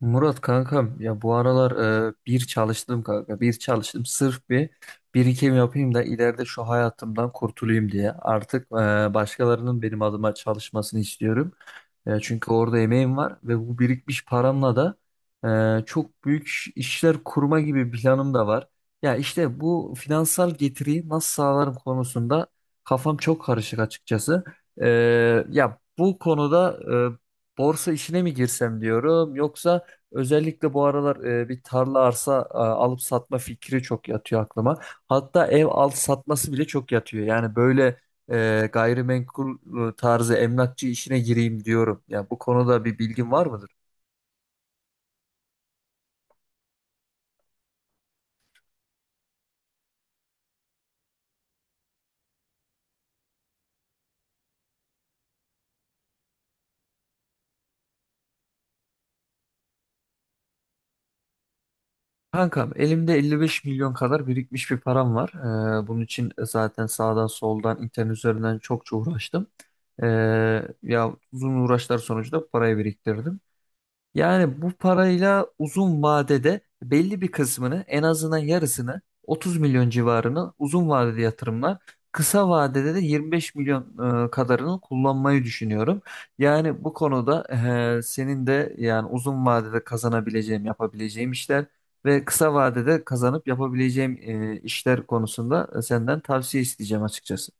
Murat kankam, ya bu aralar bir çalıştım kanka, bir çalıştım sırf bir birikim yapayım da ileride şu hayatımdan kurtulayım diye. Artık başkalarının benim adıma çalışmasını istiyorum. Çünkü orada emeğim var ve bu birikmiş paramla da çok büyük işler kurma gibi bir planım da var. Ya işte bu finansal getiriyi nasıl sağlarım konusunda kafam çok karışık açıkçası. E, Ya bu konuda borsa işine mi girsem diyorum, yoksa özellikle bu aralar bir tarla, arsa alıp satma fikri çok yatıyor aklıma. Hatta ev al satması bile çok yatıyor. Yani böyle gayrimenkul tarzı emlakçı işine gireyim diyorum. Ya bu konuda bir bilgin var mıdır? Kankam, elimde 55 milyon kadar birikmiş bir param var. Bunun için zaten sağdan soldan internet üzerinden çokça uğraştım. E, Ya uzun uğraşlar sonucu da parayı biriktirdim. Yani bu parayla uzun vadede belli bir kısmını, en azından yarısını, 30 milyon civarını uzun vadede yatırımlar, kısa vadede de 25 milyon kadarını kullanmayı düşünüyorum. Yani bu konuda senin de, yani uzun vadede kazanabileceğim, yapabileceğim işler ve kısa vadede kazanıp yapabileceğim işler konusunda senden tavsiye isteyeceğim açıkçası.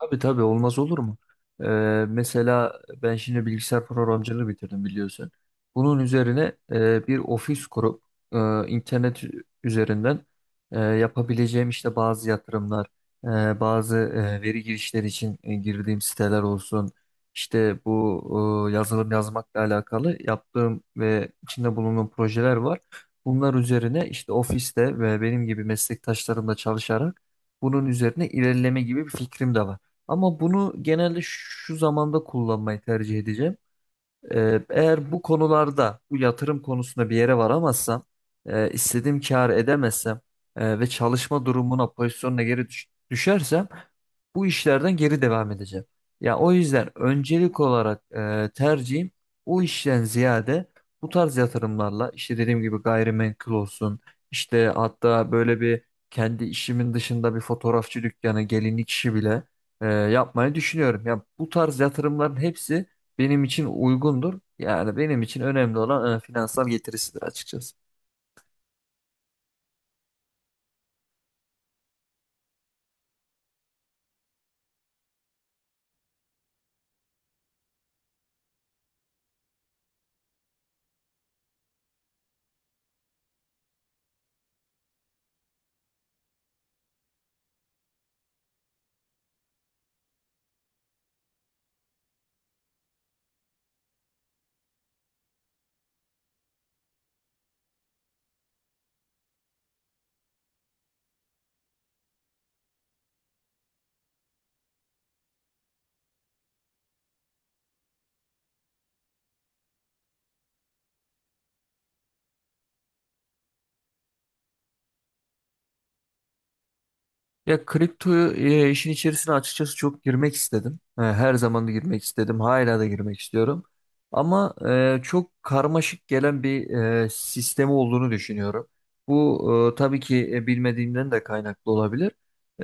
Tabii tabii, olmaz olur mu? Ee, Mesela ben şimdi bilgisayar programcılığı bitirdim, biliyorsun. Bunun üzerine bir ofis kurup e, internet üzerinden yapabileceğim işte bazı yatırımlar, bazı veri girişleri için girdiğim siteler olsun. İşte bu yazılım yazmakla alakalı yaptığım ve içinde bulunduğum projeler var. Bunlar üzerine işte ofiste ve benim gibi meslektaşlarımla çalışarak bunun üzerine ilerleme gibi bir fikrim de var. Ama bunu genelde şu zamanda kullanmayı tercih edeceğim. Eğer bu konularda, bu yatırım konusunda bir yere varamazsam, istediğim kar edemezsem ve çalışma durumuna, pozisyonuna geri düşersem bu işlerden geri devam edeceğim. Ya o yüzden öncelik olarak tercihim o işten ziyade bu tarz yatırımlarla, işte dediğim gibi gayrimenkul olsun, işte hatta böyle bir kendi işimin dışında bir fotoğrafçı dükkanı, gelinlik işi bile yapmayı düşünüyorum. Ya bu tarz yatırımların hepsi benim için uygundur. Yani benim için önemli olan finansal getirisidir açıkçası. Ya kripto işin içerisine açıkçası çok girmek istedim. E, her zaman da girmek istedim. Hala da girmek istiyorum. Ama çok karmaşık gelen bir sistemi olduğunu düşünüyorum. Bu tabii ki bilmediğimden de kaynaklı olabilir.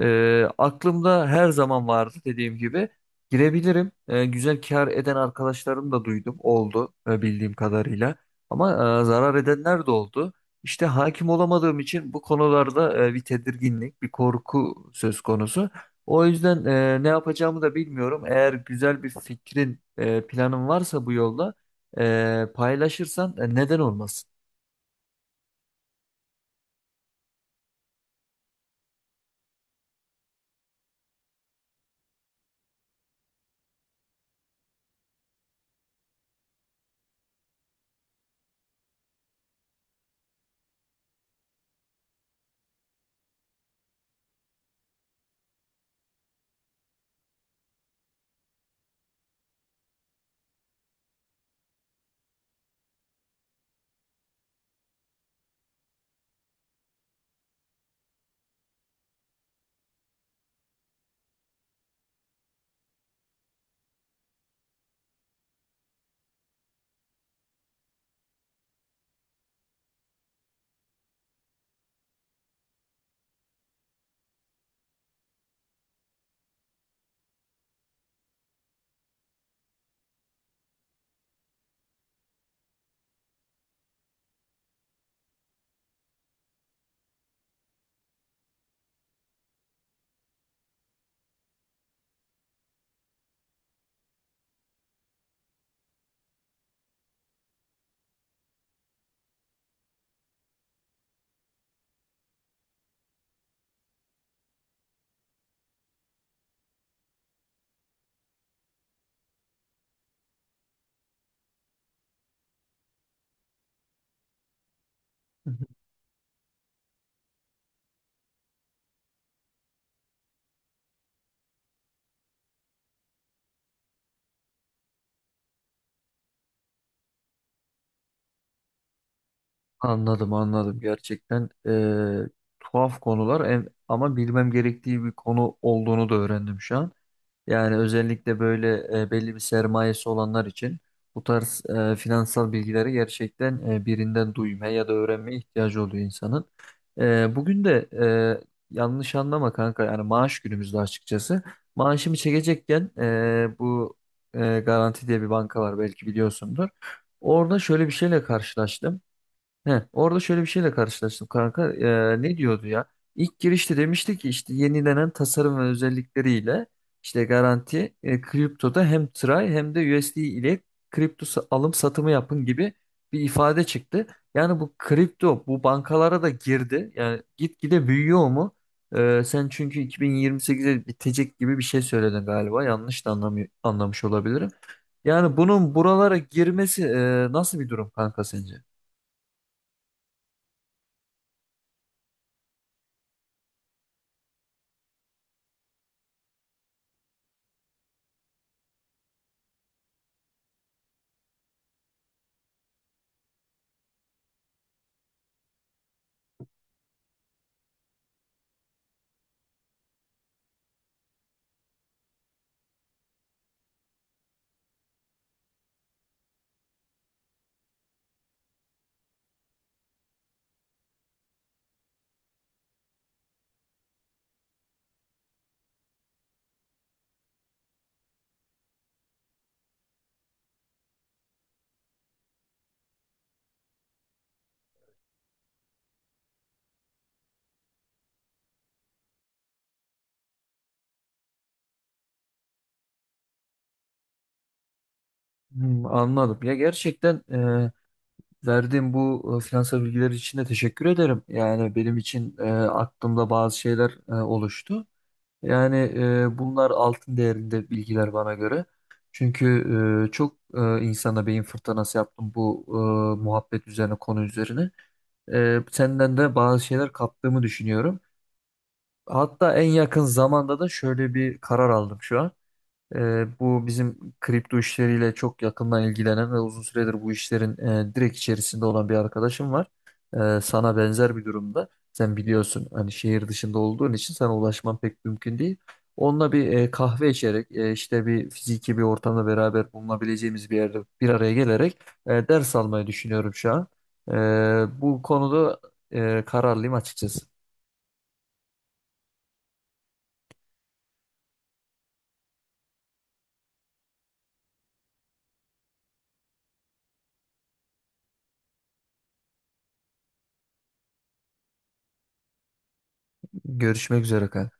Aklımda her zaman vardı, dediğim gibi. Girebilirim. E, güzel kar eden arkadaşlarım da duydum. Oldu, bildiğim kadarıyla. Ama zarar edenler de oldu. İşte hakim olamadığım için bu konularda bir tedirginlik, bir korku söz konusu. O yüzden ne yapacağımı da bilmiyorum. Eğer güzel bir fikrin, planın varsa bu yolda paylaşırsan, neden olmasın? Hı hı. Anladım, anladım. Gerçekten tuhaf konular, ama bilmem gerektiği bir konu olduğunu da öğrendim şu an. Yani özellikle böyle belli bir sermayesi olanlar için bu tarz finansal bilgileri gerçekten birinden duymaya ya da öğrenmeye ihtiyacı oluyor insanın. Bugün de yanlış anlama kanka, yani maaş günümüzde açıkçası. Maaşımı çekecekken bu Garanti diye bir banka var, belki biliyorsundur. Orada şöyle bir şeyle karşılaştım. He, orada şöyle bir şeyle karşılaştım kanka. Ne diyordu ya? İlk girişte demişti ki işte yenilenen tasarım ve özellikleriyle işte garanti kriptoda hem TRY hem de USD ile kripto alım satımı yapın gibi bir ifade çıktı. Yani bu kripto bu bankalara da girdi. Yani gitgide büyüyor mu? Sen çünkü 2028'e bitecek gibi bir şey söyledin galiba. Yanlış da anlamış olabilirim. Yani bunun buralara girmesi nasıl bir durum kanka sence? Hmm, anladım. Ya gerçekten verdiğim bu finansal bilgiler için de teşekkür ederim. Yani benim için aklımda bazı şeyler oluştu. Yani bunlar altın değerinde bilgiler bana göre. Çünkü çok insana beyin fırtınası yaptım bu muhabbet üzerine, konu üzerine. Senden de bazı şeyler kaptığımı düşünüyorum. Hatta en yakın zamanda da şöyle bir karar aldım şu an. Bu bizim kripto işleriyle çok yakından ilgilenen ve uzun süredir bu işlerin direkt içerisinde olan bir arkadaşım var. Sana benzer bir durumda. Sen biliyorsun, hani şehir dışında olduğun için sana ulaşman pek mümkün değil. Onunla bir kahve içerek, işte bir fiziki bir ortamda beraber bulunabileceğimiz bir yerde bir araya gelerek ders almayı düşünüyorum şu an. Bu konuda kararlıyım açıkçası. Görüşmek üzere, kanka.